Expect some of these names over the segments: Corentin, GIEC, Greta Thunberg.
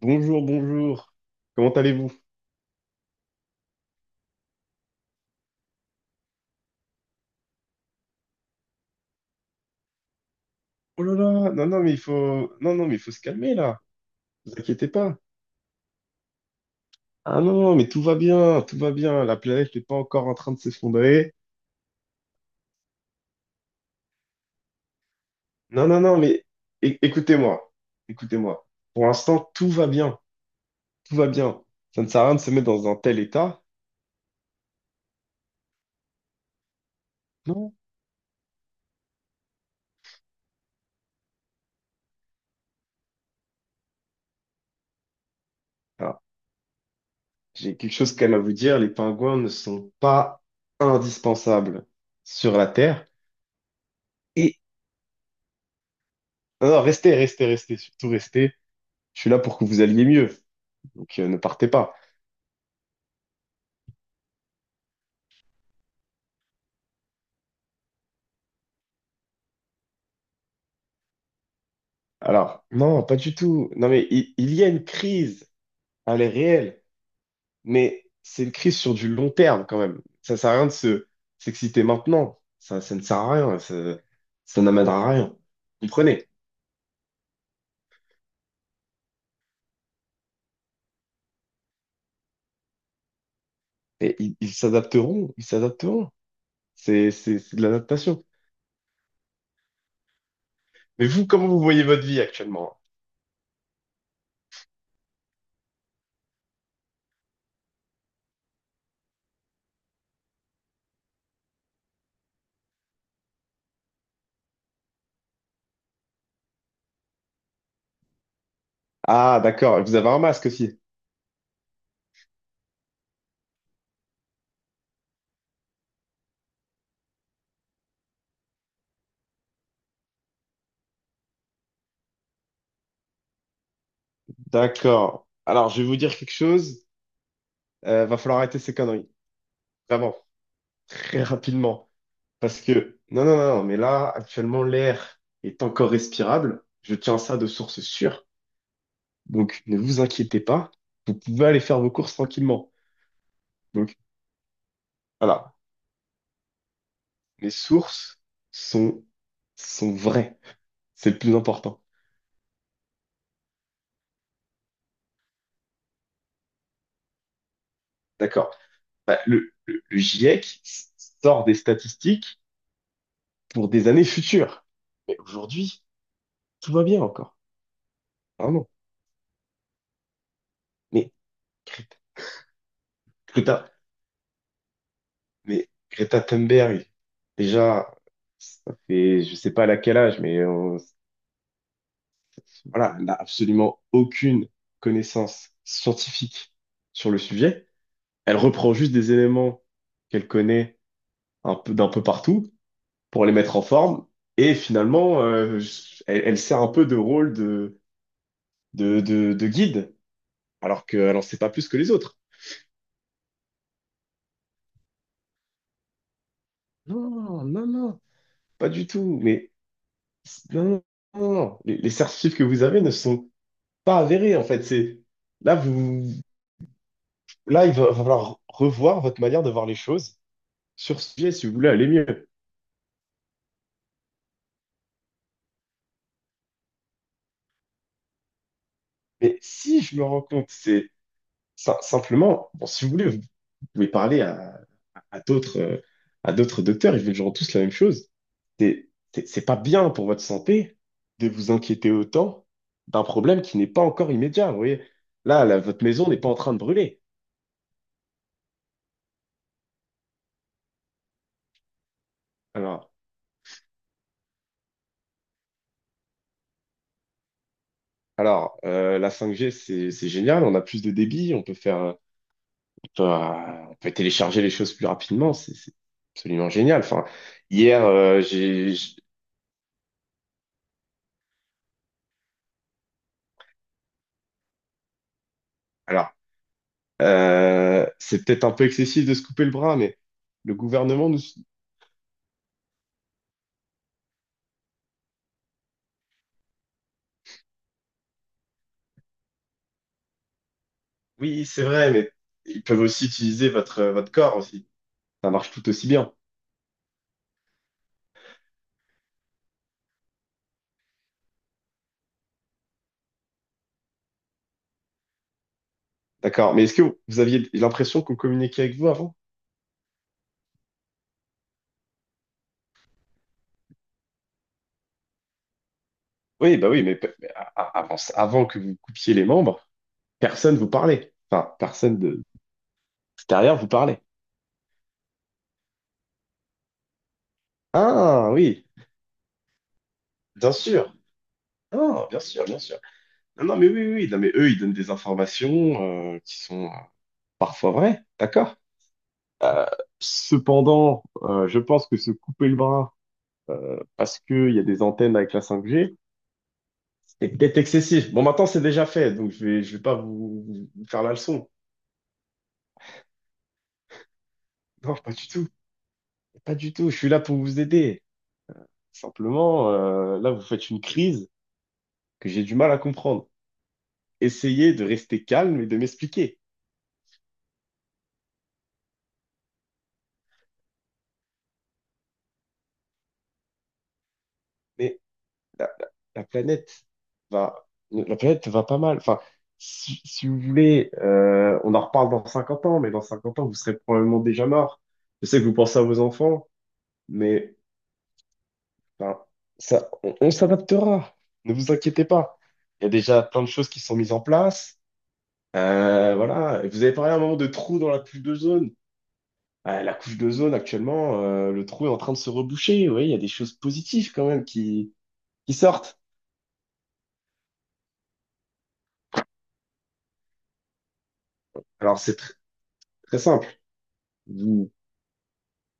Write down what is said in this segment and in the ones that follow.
Bonjour, bonjour. Comment allez-vous? Oh là là, non, non, mais il faut, non, non, mais il faut se calmer là. Ne vous inquiétez pas. Ah non, non, mais tout va bien, tout va bien. La planète n'est pas encore en train de s'effondrer. Non, non, non, mais écoutez-moi, écoutez-moi. Pour l'instant, tout va bien, tout va bien. Ça ne sert à rien de se mettre dans un tel état. Non. Ah, j'ai quelque chose quand même à vous dire. Les pingouins ne sont pas indispensables sur la Terre. Et non, non, restez, restez, restez, surtout restez. Je suis là pour que vous alliez mieux. Donc ne partez pas. Alors, non, pas du tout. Non, mais il y a une crise, elle est réelle, mais c'est une crise sur du long terme quand même. Ça sert à rien de se s'exciter maintenant. Ça ne sert à rien. Ça n'amènera à rien. Vous comprenez? Et ils s'adapteront, ils s'adapteront. C'est de l'adaptation. Mais vous, comment vous voyez votre vie actuellement? Ah, d'accord. Vous avez un masque aussi. D'accord. Alors, je vais vous dire quelque chose. Va falloir arrêter ces conneries. Vraiment. Très rapidement. Parce que, non, non, non, mais là, actuellement, l'air est encore respirable. Je tiens ça de source sûre. Donc, ne vous inquiétez pas. Vous pouvez aller faire vos courses tranquillement. Donc, voilà. Mes sources sont, sont vraies. C'est le plus important. D'accord. Bah, le GIEC sort des statistiques pour des années futures. Mais aujourd'hui, tout va bien encore. Vraiment. Mais, Greta, Mais Greta Thunberg, déjà, ça fait, je sais pas à quel âge, mais voilà, elle n'a absolument aucune connaissance scientifique sur le sujet. Elle reprend juste des éléments qu'elle connaît un peu d'un peu partout pour les mettre en forme. Et finalement, elle sert un peu de rôle de guide, alors qu'elle n'en sait pas plus que les autres. Non, non, non, pas du tout. Mais non, non, non, non. Les certifs que vous avez ne sont pas avéré, en fait. C'est là, vous, là, il va falloir revoir votre manière de voir les choses sur ce sujet si vous voulez aller mieux. Mais si je me rends compte, c'est simplement, bon, si vous voulez, vous pouvez parler à d'autres, euh, à d'autres docteurs, ils vous diront tous la même chose. C'est pas bien pour votre santé de vous inquiéter autant d'un problème qui n'est pas encore immédiat. Vous voyez, là, votre maison n'est pas en train de brûler. Alors, la 5G c'est génial, on a plus de débit, on peut faire. On peut télécharger les choses plus rapidement. C'est absolument génial. Enfin, hier, j'ai, alors, c'est peut-être un peu excessif de se couper le bras, mais le gouvernement nous, oui, c'est vrai, mais ils peuvent aussi utiliser votre corps aussi. Ça marche tout aussi bien. D'accord. Mais est-ce que vous aviez l'impression qu'on communiquait avec vous avant? Oui, bah oui, mais, mais avant que vous coupiez les membres, personne vous parlait. Enfin, personne de extérieur vous parlait. Ah oui, bien sûr. Ah, bien sûr, bien sûr. Non, non, mais oui, oui, oui, non, mais eux, ils donnent des informations qui sont parfois vraies, d'accord? Cependant, je pense que se couper le bras parce qu'il y a des antennes avec la 5G, c'est peut-être excessif. Bon, maintenant, c'est déjà fait, donc je vais pas vous faire la leçon. Non, pas du tout, pas du tout. Je suis là pour vous aider. Simplement, là, vous faites une crise que j'ai du mal à comprendre. Essayez de rester calme et de m'expliquer. Mais la, la- la planète la planète va pas mal. Enfin, si vous voulez, on en reparle dans 50 ans, mais dans 50 ans, vous serez probablement déjà mort. Je sais que vous pensez à vos enfants, mais enfin, ça, on s'adaptera. Ne vous inquiétez pas. Il y a déjà plein de choses qui sont mises en place. Voilà. Et vous avez parlé à un moment de trous dans la couche d'ozone. La couche d'ozone, actuellement, le trou est en train de se reboucher. Vous voyez, il y a des choses positives quand même qui sortent. Alors, c'est très simple. Vous,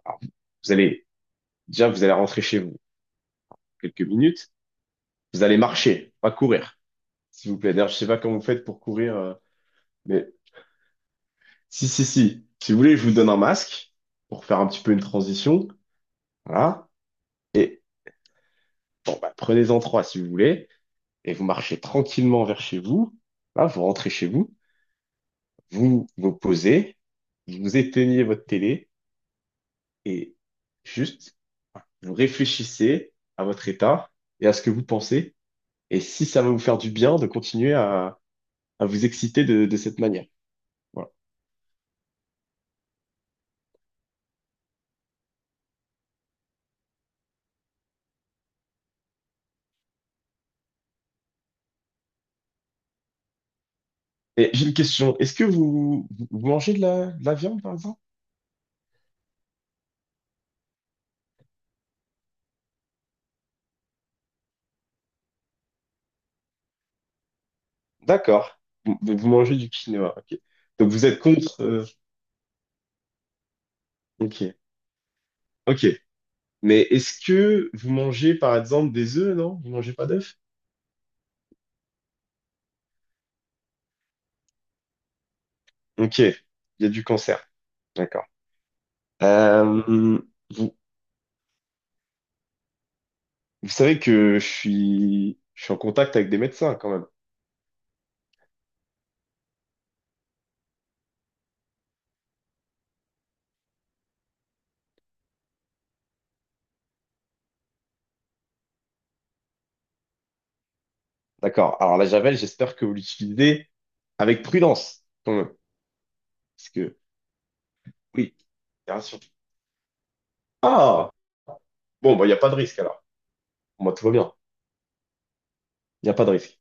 Alors, vous allez, vous allez rentrer chez vous quelques minutes. Vous allez marcher, pas courir, s'il vous plaît. D'ailleurs, je sais pas comment vous faites pour courir, mais si, si, si. Si vous voulez, je vous donne un masque pour faire un petit peu une transition. Voilà. Et bon, bah, prenez-en trois si vous voulez. Et vous marchez tranquillement vers chez vous. Là, vous rentrez chez vous. Vous vous posez. Vous éteignez votre télé et juste, vous réfléchissez à votre état et à ce que vous pensez. Et si ça va vous faire du bien de continuer à vous exciter de cette manière. Voilà. Et j'ai une question. Est-ce que vous mangez de la viande, par exemple? D'accord. Vous mangez du quinoa, ok. Donc vous êtes contre. Ok, ok. Mais est-ce que vous mangez, par exemple, des œufs, non? Vous mangez pas d'œufs? Ok. Il y a du cancer. D'accord. Euh, vous Vous savez que je suis en contact avec des médecins quand même. D'accord. Alors la Javel, j'espère que vous l'utilisez avec prudence quand même. Parce que, oui, bien sûr. Ah! Bon, bah, il n'y a pas de risque alors. Moi, tout va bien. Il n'y a pas de risque.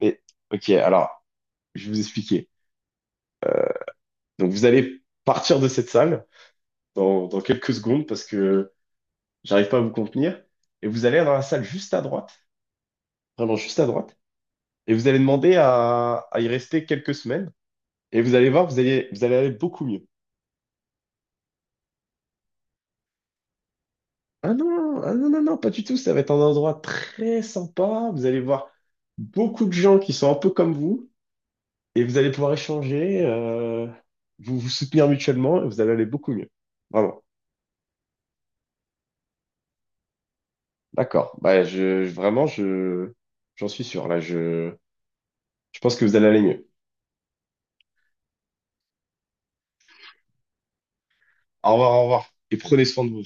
Mais, ok, alors, je vais vous expliquer. Donc, vous allez partir de cette salle dans quelques secondes parce que j'arrive pas à vous contenir. Et vous allez dans la salle juste à droite, vraiment juste à droite, et vous allez demander à y rester quelques semaines. Et vous allez voir, vous allez aller beaucoup mieux. Ah non, ah non, non, non, pas du tout. Ça va être un endroit très sympa. Vous allez voir beaucoup de gens qui sont un peu comme vous, et vous allez pouvoir échanger, vous vous soutenir mutuellement, et vous allez aller beaucoup mieux. Vraiment. D'accord. Bah, vraiment, j'en suis sûr. Là, je pense que vous allez aller mieux. Au revoir, au revoir. Et prenez soin de vous.